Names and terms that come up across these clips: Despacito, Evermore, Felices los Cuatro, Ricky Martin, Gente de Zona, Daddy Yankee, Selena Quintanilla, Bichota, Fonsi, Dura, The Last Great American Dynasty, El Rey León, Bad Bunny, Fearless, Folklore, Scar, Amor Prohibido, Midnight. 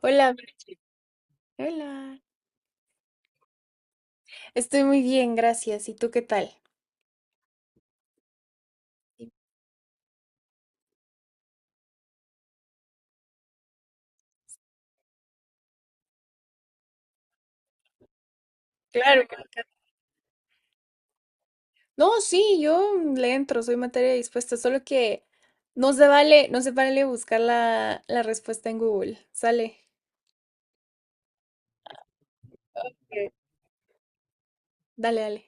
Hola, hola. Estoy muy bien, gracias. ¿Y tú qué tal? Sí, claro. No, sí, yo le entro, soy materia dispuesta, solo que no se vale, no se vale buscar la respuesta en Google. Sale. Ok. Dale, dale.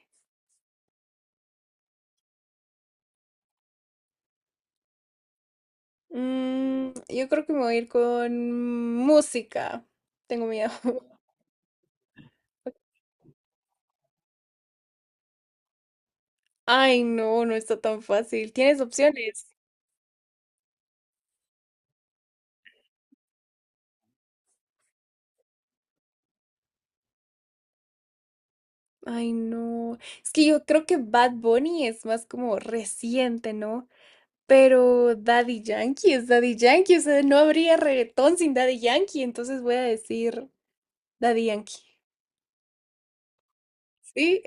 Mm, yo creo que me voy a ir con música. Tengo miedo. Ay, no, no está tan fácil. ¿Tienes opciones? Ay, no. Es que yo creo que Bad Bunny es más como reciente, ¿no? Pero Daddy Yankee es Daddy Yankee, o sea, no habría reggaetón sin Daddy Yankee, entonces voy a decir Daddy Yankee. Sí,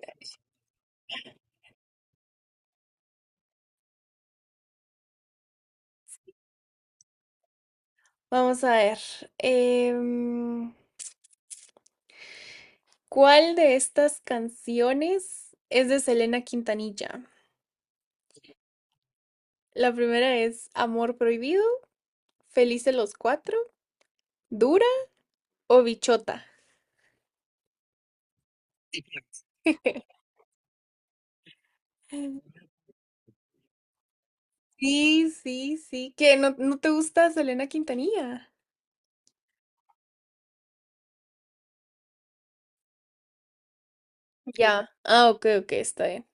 vamos a ver. em, ¿Cuál de estas canciones es de Selena Quintanilla? La primera es Amor Prohibido, Felices los Cuatro, Dura o Bichota. Sí, sí, sí, que no, no te gusta Selena Quintanilla. Ya. Ah, ok, ok, está bien.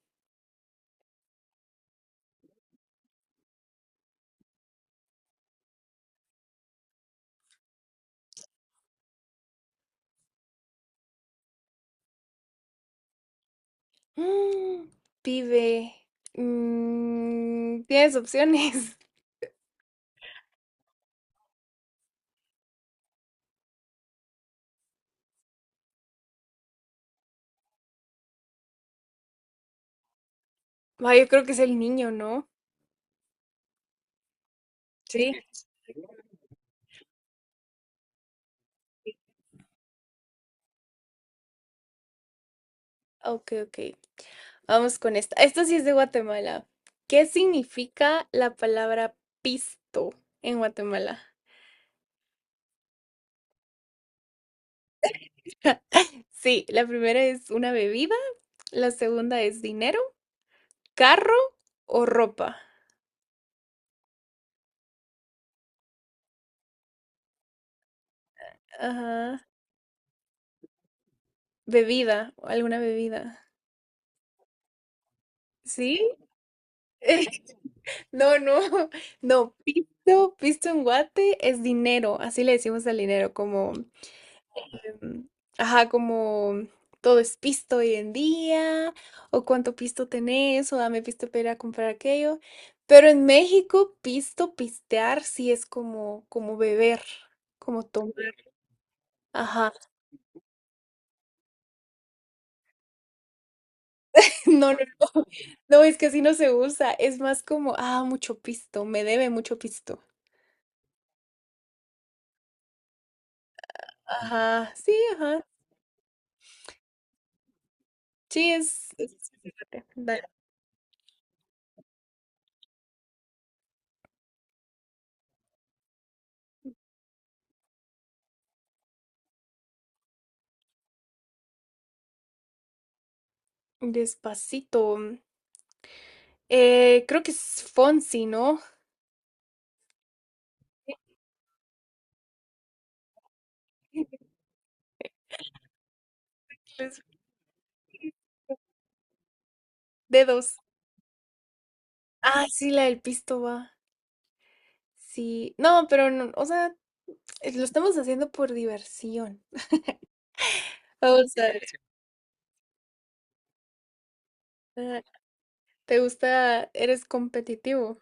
Mm, pibe. Mm, tienes opciones. Ah, yo creo que es el niño, ¿no? Sí. Ok, ok. Vamos con esta. Esta sí es de Guatemala. ¿Qué significa la palabra pisto en Guatemala? Sí, la primera es una bebida, la segunda es dinero, carro o ropa. Ajá. Bebida, alguna bebida. ¿Sí? No, no, no, pisto, pisto en guate es dinero, así le decimos al dinero, como, em, ajá, como todo es pisto hoy en día, o cuánto pisto tenés, o dame pisto para ir a comprar aquello. Pero en México, pisto, pistear, sí es como, como beber, como tomar. Ajá, no, no, no, no, es que así no se usa, es más como, ah, mucho pisto, me debe mucho pisto. Ajá, sí, ajá, sí, es- Despacito. Creo que es Fonsi, ¿no? Los dedos. Ah, sí, la del pisto va. Sí. No, pero no, o sea, es- lo estamos haciendo por diversión. Vamos a ver. Ah, ¿te gusta? ¿Eres competitivo?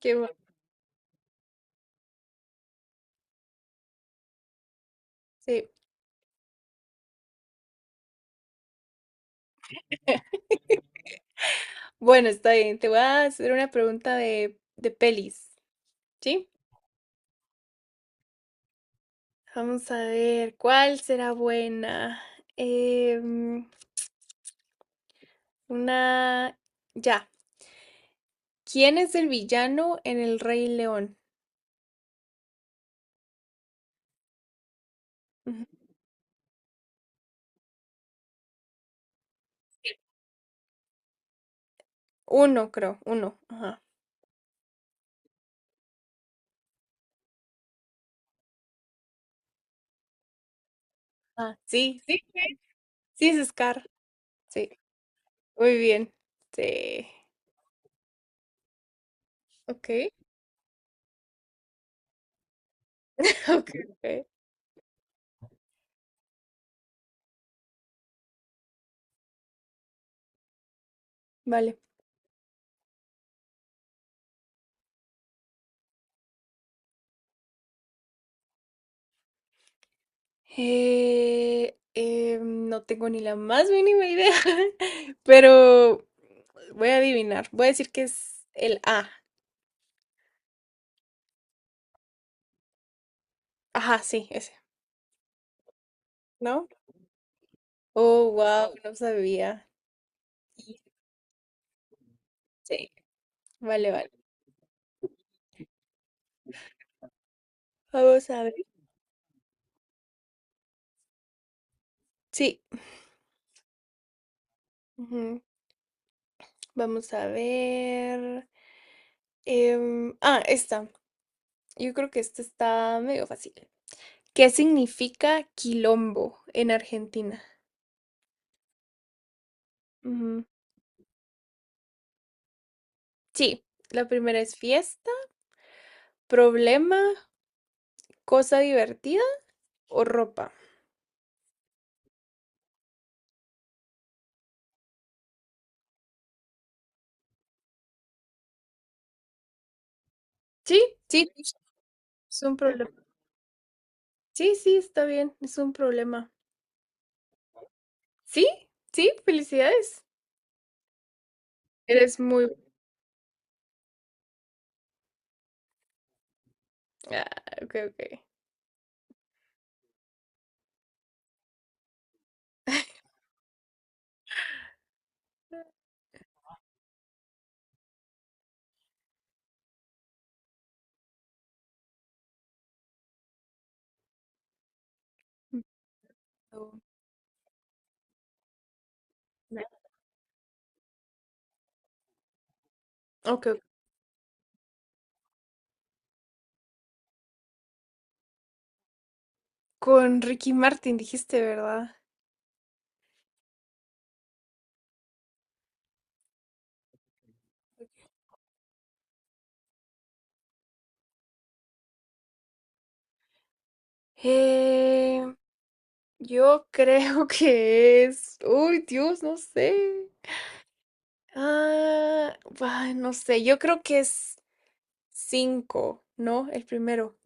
Qué bueno. Sí. Bueno, está bien. Te voy a hacer una pregunta de pelis, ¿sí? Vamos a ver, ¿cuál será buena? Em, una... Ya. ¿Quién es el villano en El Rey León? Ujú. Uno, creo, uno. Ajá. Ah, sí, sí, sí, sí es Scar. Sí, muy bien. Sí. Ok, ok, ok. Vale. No tengo ni la más mínima idea, pero voy a adivinar. Voy a decir que es el A. Ajá, sí, ese, ¿no? Oh, wow, no sabía. Sí, sí. Vale, vale. Vamos a ver. Sí. Ujú. Vamos a ver. Ah, esta. Yo creo que este está medio fácil. ¿Qué significa quilombo en Argentina? Ujú. Sí, la primera es fiesta, problema, cosa divertida o ropa. Sí, sí, es un problema. Sí, sí, está bien, es un problema. Sí, sí, felicidades. Eres muy... Ah, ok, ok. No, no. Ok, ok. Con Ricky Martin dijiste, ¿verdad? Eh, yo creo que es... Uy, Dios, no sé. Ah, ay, no sé, yo creo que es cinco, ¿no? El primero.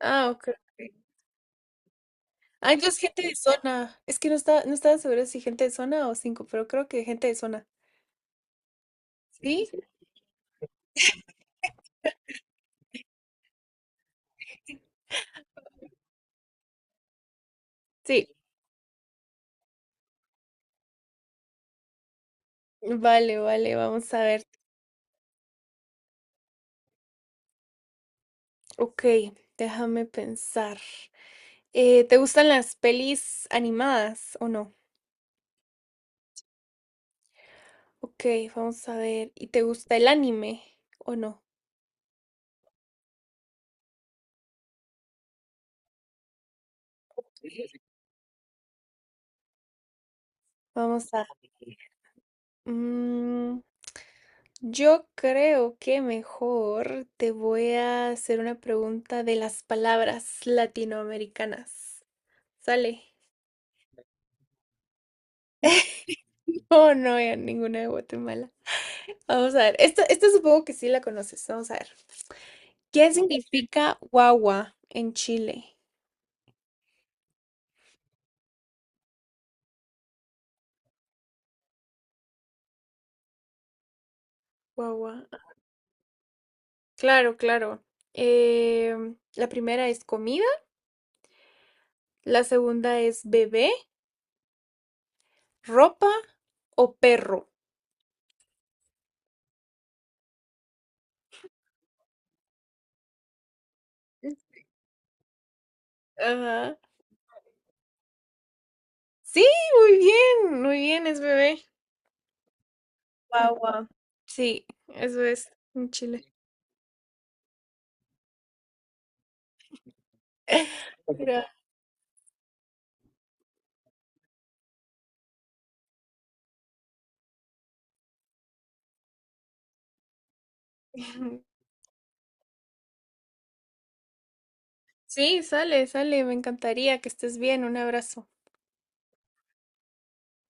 Ah, ok, ok. Ah, entonces gente de zona. Es que no estaba segura si gente de zona o cinco, pero creo que gente de zona. ¿Sí? Sí. Vale, vale, vamos a ver. Ok, déjame pensar. ¿Te gustan las pelis animadas o no? Ok, vamos a ver. ¿Y te gusta el anime o no? Vamos a... mm, yo creo que mejor te voy a hacer una pregunta de las palabras latinoamericanas. Sale. Oh, no, ya ninguna de Guatemala. Vamos a ver. Esta supongo que sí la conoces. Vamos a ver. ¿Qué significa guagua en Chile? Guagua. Claro, claro. Em, la primera es comida, la segunda es bebé, ropa o perro. Ajá. Sí, muy bien, es bebé. Guagua. Sí, eso es en Chile. Pero, sí, sale, sale. Me encantaría que estés bien. Un abrazo.